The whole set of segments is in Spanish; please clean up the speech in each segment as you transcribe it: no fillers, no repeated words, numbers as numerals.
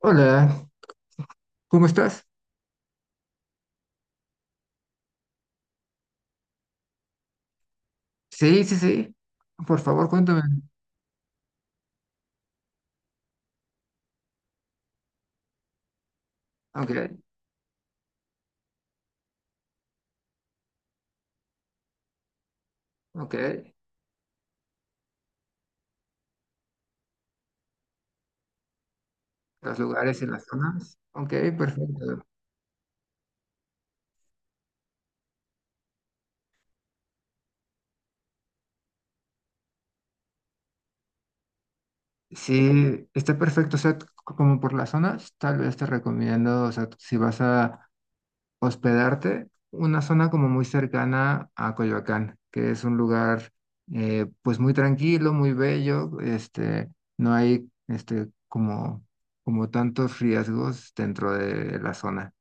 Hola, ¿cómo estás? Sí, sí, sí. Por favor, cuéntame. Ok, ok. Los lugares y las zonas. Ok, perfecto. Sí, está perfecto. O sea, como por las zonas, tal vez te recomiendo, o sea, si vas a hospedarte, una zona como muy cercana a Coyoacán, que es un lugar, pues muy tranquilo, muy bello. Este, no hay, este, como tantos riesgos dentro de la zona.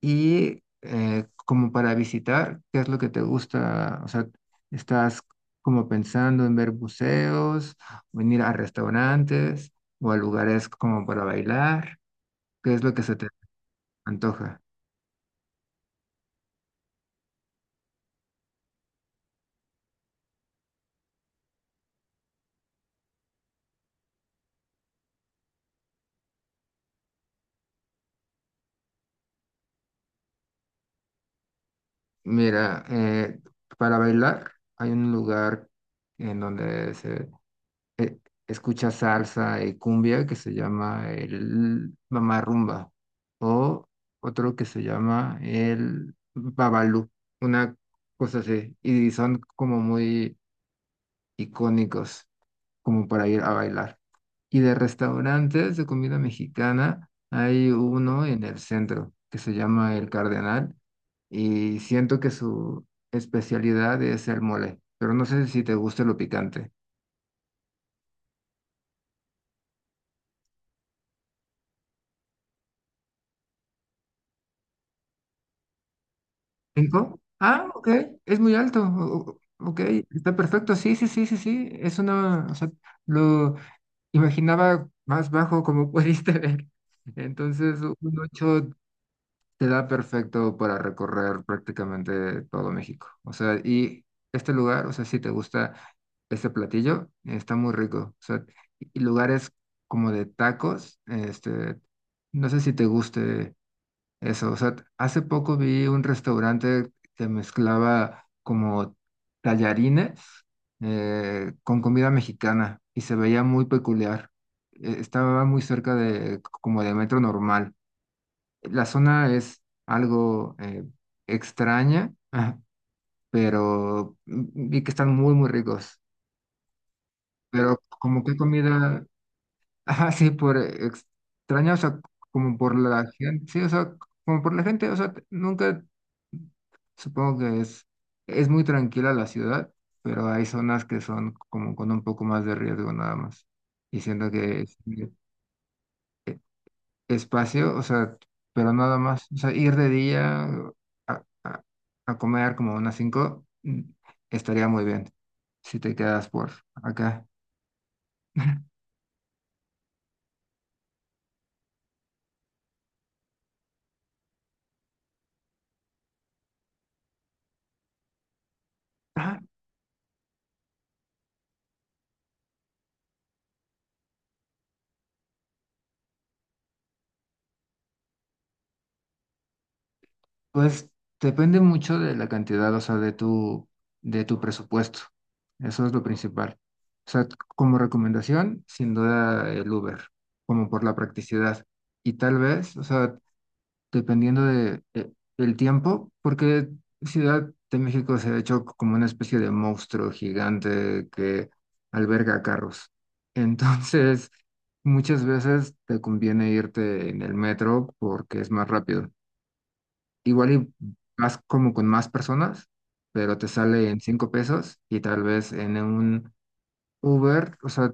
Y como para visitar, ¿qué es lo que te gusta? O sea, ¿estás como pensando en ver buceos, o en ir a restaurantes o a lugares como para bailar? ¿Qué es lo que se te antoja? Mira, para bailar hay un lugar en donde se eh, escucha salsa y cumbia que se llama el Mamá Rumba o otro que se llama el Babalú, una cosa así, y son como muy icónicos como para ir a bailar. Y de restaurantes de comida mexicana hay uno en el centro que se llama El Cardenal y siento que su especialidad es el mole, pero no sé si te gusta lo picante. ¿Cinco? Ah, ok, es muy alto. Ok, está perfecto. Sí, sí, sí, sí, sí. Es una, o sea, lo imaginaba más bajo como pudiste ver. Entonces, un ocho te da perfecto para recorrer prácticamente todo México. O sea, y este lugar, o sea, si te gusta este platillo, está muy rico. O sea, y lugares como de tacos, este, no sé si te guste eso, o sea, hace poco vi un restaurante que mezclaba como tallarines con comida mexicana y se veía muy peculiar. Estaba muy cerca de como de metro normal. La zona es algo extraña, pero vi que están muy, muy ricos. Pero como qué comida. Ajá, sí, por extraña, o sea, como por la gente, sí, o sea, como por la gente, o sea, nunca, supongo que es muy tranquila la ciudad, pero hay zonas que son como con un poco más de riesgo nada más. Y siento que es espacio, o sea, pero nada más, o sea, ir de día a, a- a comer como unas cinco estaría muy bien si te quedas por acá. Pues depende mucho de la cantidad, o sea, de tu presupuesto. Eso es lo principal. O sea, como recomendación, sin duda el Uber, como por la practicidad. Y tal vez, o sea, dependiendo de, el tiempo, porque Ciudad de México se ha hecho como una especie de monstruo gigante que alberga carros. Entonces, muchas veces te conviene irte en el metro porque es más rápido. Igual y vas como con más personas, pero te sale en 5 pesos y tal vez en un Uber, o sea,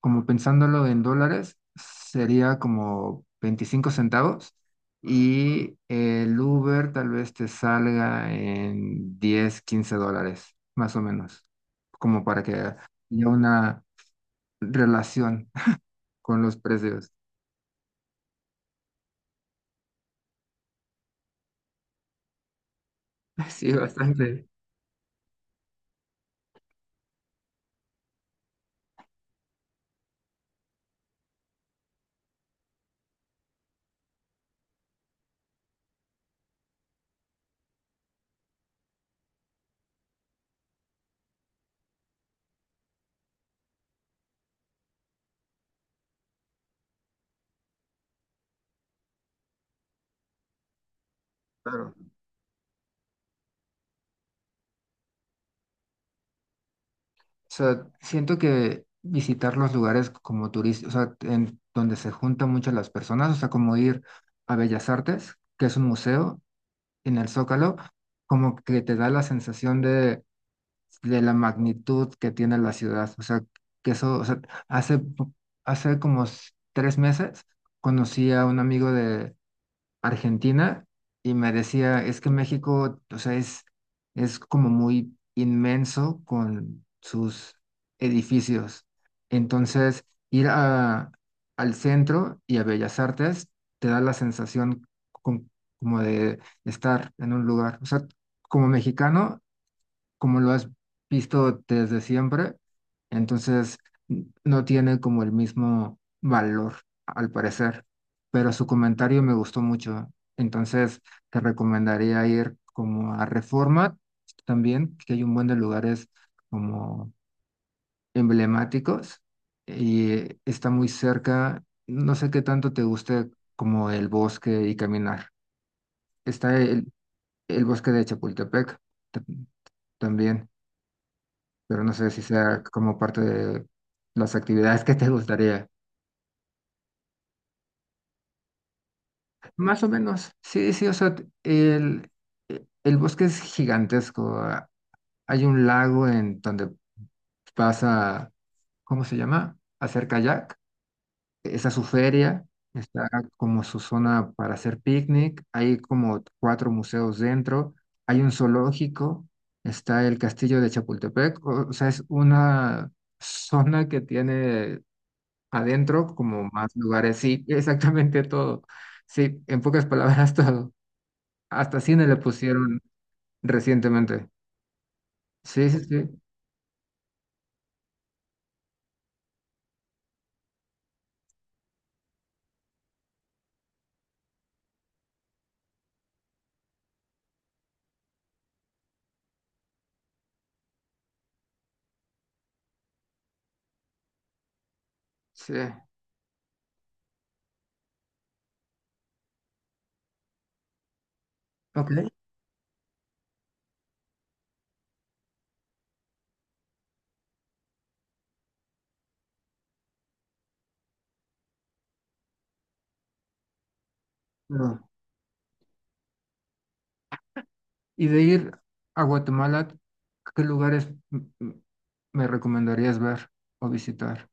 como pensándolo en dólares, sería como 25 centavos y el Uber tal vez te salga en 10, 15 dólares, más o menos, como para que haya una relación con los precios. Sí, bastante. Claro. O sea, siento que visitar los lugares como turistas, o sea, en donde se juntan muchas las personas, o sea, como ir a Bellas Artes, que es un museo en el Zócalo, como que te da la sensación de la magnitud que tiene la ciudad. O sea, que eso, o sea, hace, po- hace como 3 meses conocí a un amigo de Argentina y me decía, es que México, o sea, es como muy inmenso con sus edificios. Entonces, ir al centro y a Bellas Artes te da la sensación con- como de estar en un lugar. O sea, como mexicano, como lo has visto desde siempre, entonces no tiene como el mismo valor, al parecer, pero su comentario me gustó mucho, entonces te recomendaría ir como a Reforma también, que hay un buen de lugares como emblemáticos y está muy cerca, no sé qué tanto te guste como el bosque y caminar. Está el bosque de Chapultepec ta- también. Pero no sé si sea como parte de las actividades que te gustaría. Más o menos, sí, sí, o sea, el bosque es gigantesco. Hay un lago en donde pasa, ¿cómo se llama? Hacer kayak. Esa es su feria, está como su zona para hacer picnic. Hay como cuatro museos dentro. Hay un zoológico, está el castillo de Chapultepec. O sea, es una zona que tiene adentro, como más lugares. Sí, exactamente todo. Sí, en pocas palabras todo. Hasta cine le pusieron recientemente. Sí, sí, sí. Sí. Ok. Pero, y de ir a Guatemala, ¿qué lugares me recomendarías ver o visitar?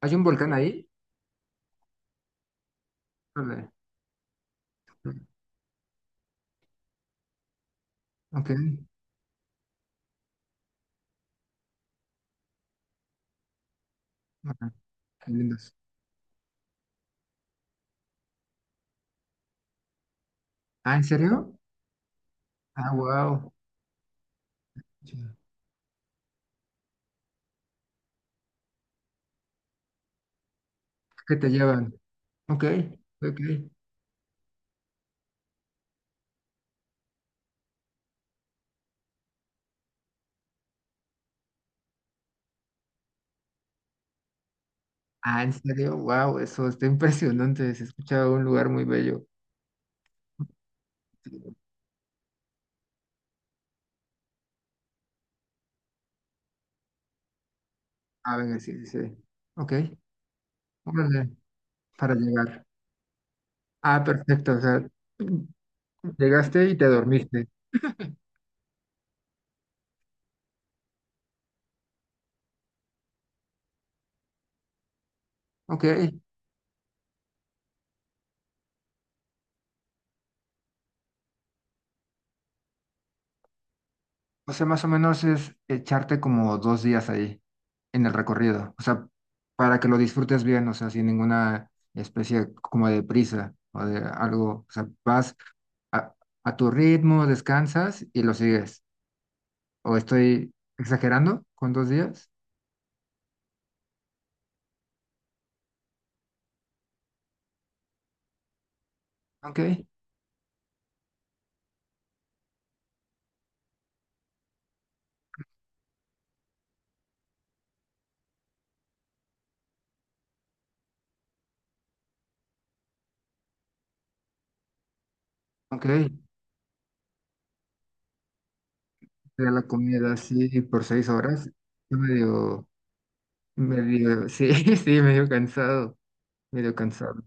¿Hay un volcán ahí? Híjole. Ok. Ajá, qué lindos. Ah, ¿en serio? Ah, wow. ¿Qué te llevan? Ok, ok. Ah, ¿en serio? Wow, eso está impresionante. Se escucha un lugar muy bello. Ah, venga, sí, sí, sí. Ok, órale, para llegar. Ah, perfecto. O sea, llegaste y te dormiste. Ok, o sea, más o menos es echarte como 2 días ahí en el recorrido. O sea, para que lo disfrutes bien, o sea, sin ninguna especie como de prisa o de algo. O sea, vas a, a tu ritmo, descansas y lo sigues. ¿O estoy exagerando con 2 días? Ok, ok. Pero la comida así por 6 horas, yo medio, medio, sí, sí, medio cansado, medio cansado.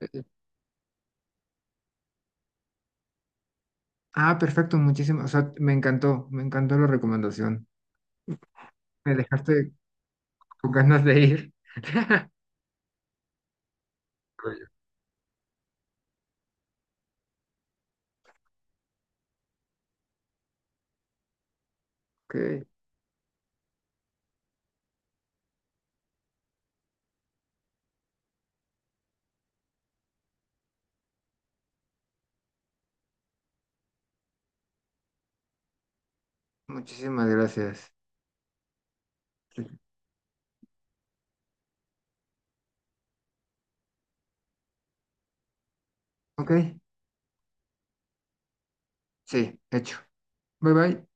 Eh, Ah, perfecto, muchísimo. O sea, me encantó la recomendación. Me dejaste con ganas de ir. Ok, muchísimas gracias. Sí. Ok, sí, hecho. Bye bye.